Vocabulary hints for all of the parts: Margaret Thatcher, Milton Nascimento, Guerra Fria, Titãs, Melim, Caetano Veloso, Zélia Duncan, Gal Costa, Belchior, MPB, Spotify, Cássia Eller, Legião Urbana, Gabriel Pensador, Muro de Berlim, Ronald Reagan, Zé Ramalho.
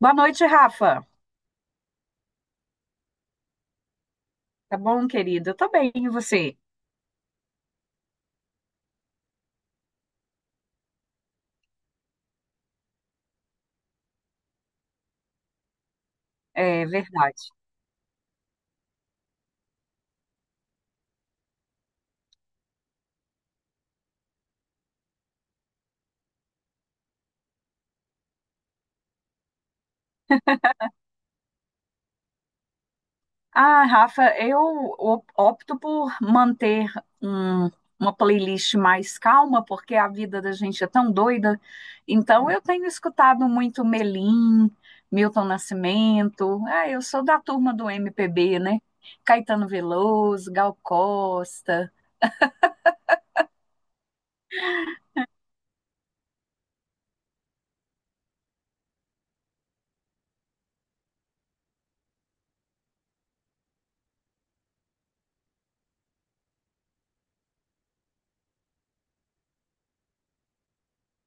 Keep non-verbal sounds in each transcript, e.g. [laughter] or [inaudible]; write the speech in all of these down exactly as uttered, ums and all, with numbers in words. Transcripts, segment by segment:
Boa noite, Rafa. Tá bom, querido? Eu tô bem, e você? É verdade. Ah, Rafa, eu op- opto por manter um- uma playlist mais calma, porque a vida da gente é tão doida. Então, eu tenho escutado muito Melim, Milton Nascimento. Ah, eu sou da turma do M P B, né? Caetano Veloso, Gal Costa.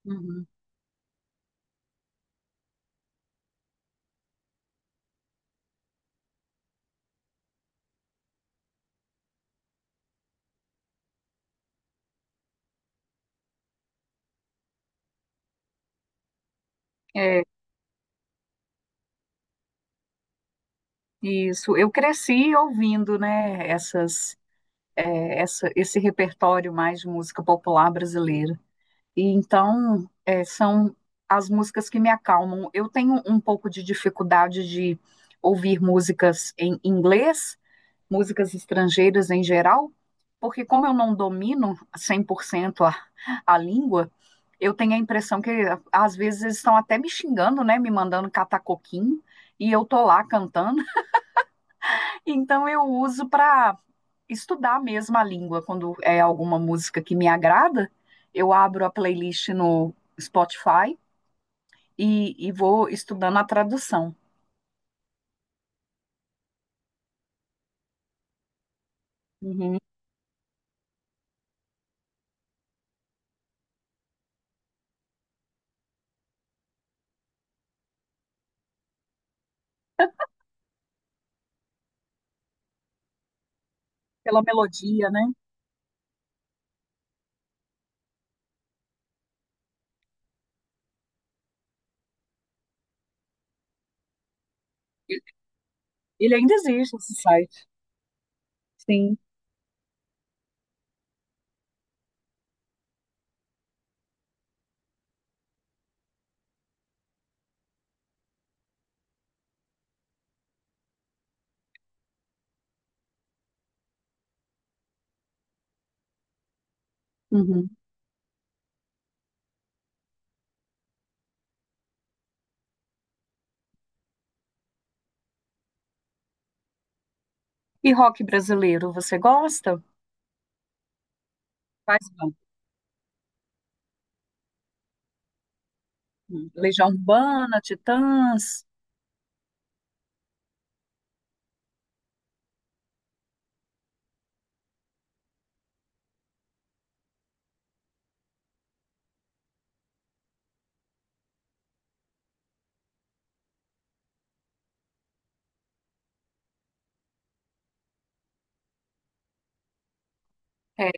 Uhum. É, isso. Eu cresci ouvindo, né, essas. é, essa, esse repertório mais de música popular brasileira. E então é, são as músicas que me acalmam. Eu tenho um pouco de dificuldade de ouvir músicas em inglês, músicas estrangeiras em geral, porque como eu não domino cem por cento a, a língua, eu tenho a impressão que às vezes eles estão até me xingando, né, me mandando catar coquinho, e eu tô lá cantando. [laughs] Então eu uso para estudar mesmo a língua. Quando é alguma música que me agrada, eu abro a playlist no Spotify e, e vou estudando a tradução. Uhum. Pela melodia, né? Ele ainda existe, esse site. Sim. Uhum. E rock brasileiro, você gosta? Faz bom. Legião Urbana, Titãs. É,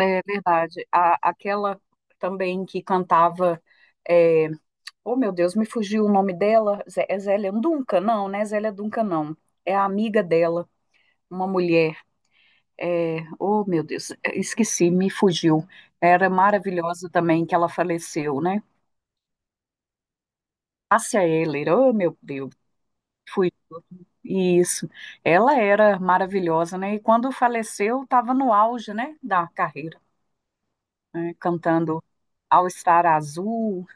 é verdade. A, aquela também que cantava é, oh, meu Deus, me fugiu o nome dela. Zé- É Zélia Duncan? Não, né? Zélia Duncan, não. É a amiga dela, uma mulher. É... Oh, meu Deus, é, esqueci, me fugiu. Era maravilhosa também que ela faleceu, né? Cássia Eller, oh, meu Deus, fui. Isso. Ela era maravilhosa, né? E quando faleceu, estava no auge, né, da carreira, né? Cantando All Star Azul,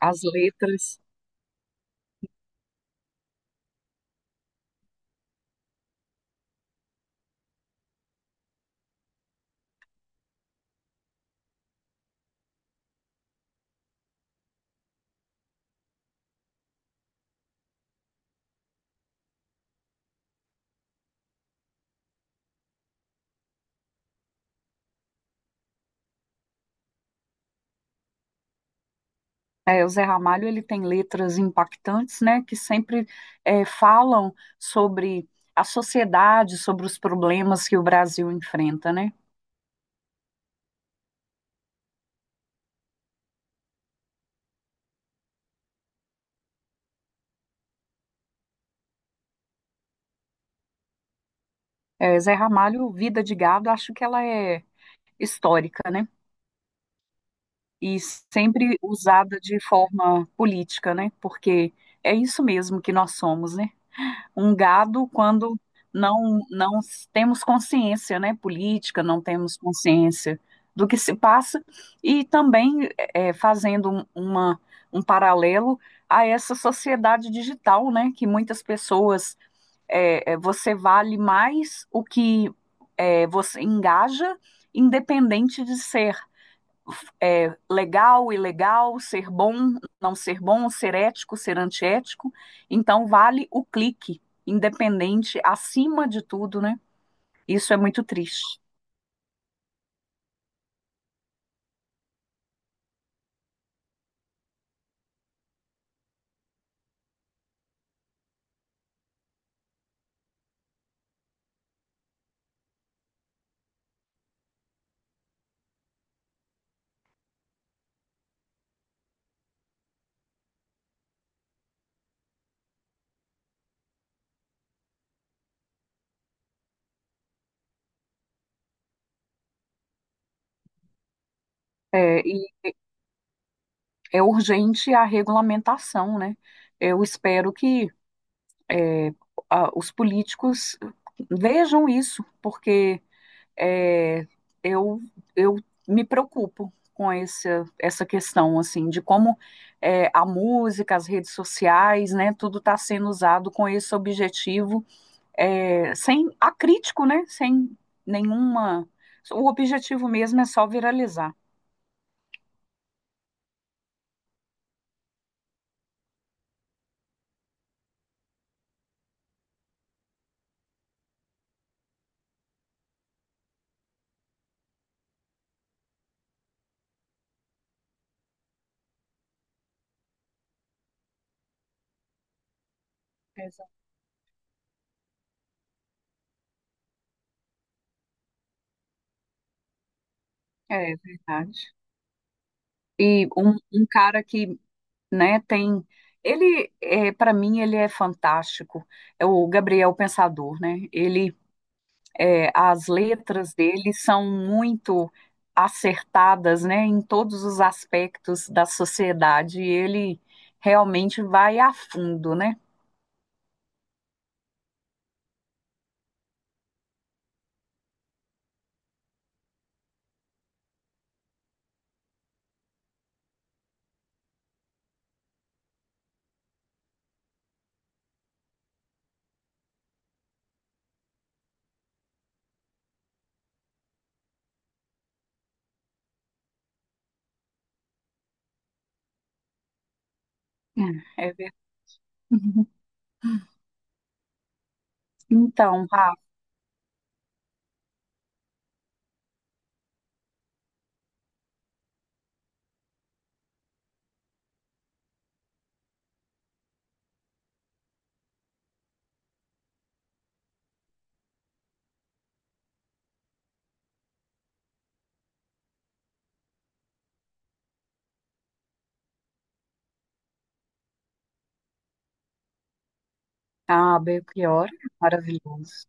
as letras. É, o Zé Ramalho ele tem letras impactantes, né, que sempre é, falam sobre a sociedade, sobre os problemas que o Brasil enfrenta, né? É, Zé Ramalho, Vida de Gado, acho que ela é histórica, né? E sempre usada de forma política, né? Porque é isso mesmo que nós somos, né? Um gado quando não, não temos consciência, né, política, não temos consciência do que se passa, e também eh, fazendo um- uma, um paralelo a essa sociedade digital, né, que muitas pessoas eh, eh, você vale mais o que eh, você engaja, independente de ser é, legal, ilegal, ser bom, não ser bom, ser ético, ser antiético. Então, vale o clique, independente, acima de tudo, né? Isso é muito triste. É, e é urgente a regulamentação, né? Eu espero que é, a- os políticos vejam isso, porque é, eu, eu me preocupo com essa essa questão, assim, de como é, a música, as redes sociais, né, tudo está sendo usado com esse objetivo, é, sem acrítico, né, sem nenhuma... O objetivo mesmo é só viralizar. Exato. É verdade. E um, um cara que, né, tem... Ele, é, para mim, ele é fantástico. É o Gabriel Pensador, né? Ele é, as letras dele são muito acertadas, né, em todos os aspectos da sociedade, e ele realmente vai a fundo, né? É verdade. Então, Rafa, ah, Belchior, maravilhoso.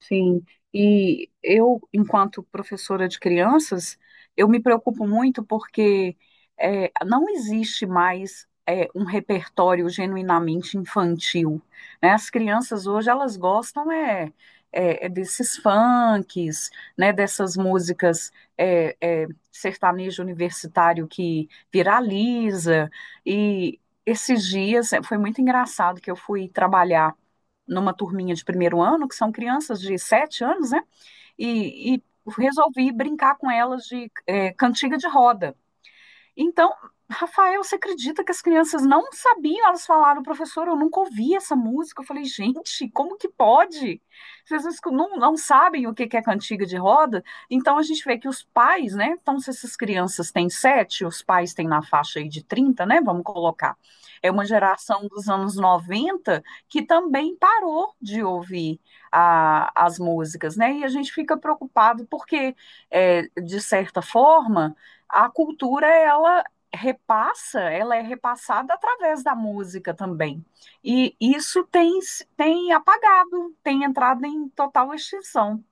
Sim, e eu, enquanto professora de crianças, eu me preocupo muito porque é não existe mais é um repertório genuinamente infantil, né? As crianças hoje, elas gostam é, é, é desses funks, né? Dessas músicas é é sertanejo universitário que viraliza, e esses dias eh, foi muito engraçado que eu fui trabalhar numa turminha de primeiro ano, que são crianças de sete anos, né? E, e resolvi brincar com elas de é, cantiga de roda. Então, Rafael, você acredita que as crianças não sabiam? Elas falaram, professor, eu nunca ouvi essa música. Eu falei, gente, como que pode? Vocês não, escu- não, não sabem o que que é cantiga de roda? Então a gente vê que os pais, né? Então, se essas crianças têm sete, os pais têm na faixa aí de trinta, né? Vamos colocar. É uma geração dos anos noventa que também parou de ouvir a- as músicas, né? E a gente fica preocupado porque, é, de certa forma a cultura ela repassa, ela é repassada através da música também. E isso tem, tem apagado, tem entrado em total extinção.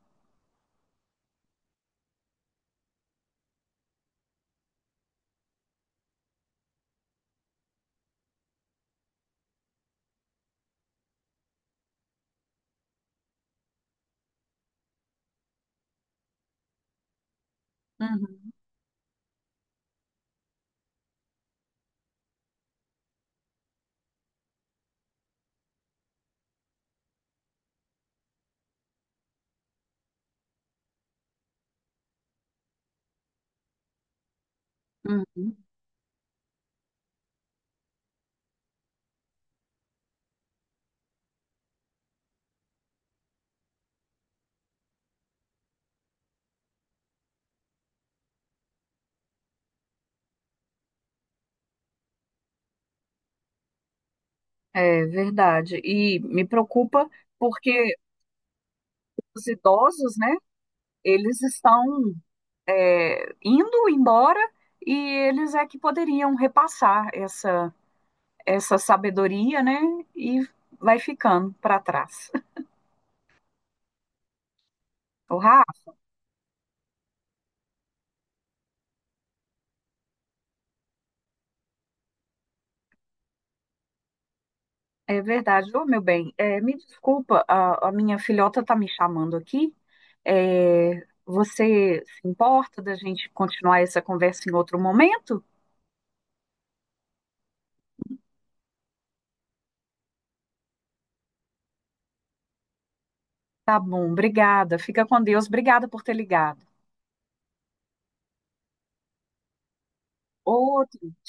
Uhum, uhum. É verdade. E me preocupa porque os idosos, né, eles estão é, indo embora e eles é que poderiam repassar essa, essa sabedoria, né, e vai ficando para trás. [laughs] O é verdade. Ô, meu bem, é, me desculpa, a, a minha filhota está me chamando aqui. É, você se importa da gente continuar essa conversa em outro momento? Tá bom, obrigada. Fica com Deus. Obrigada por ter ligado. Outro.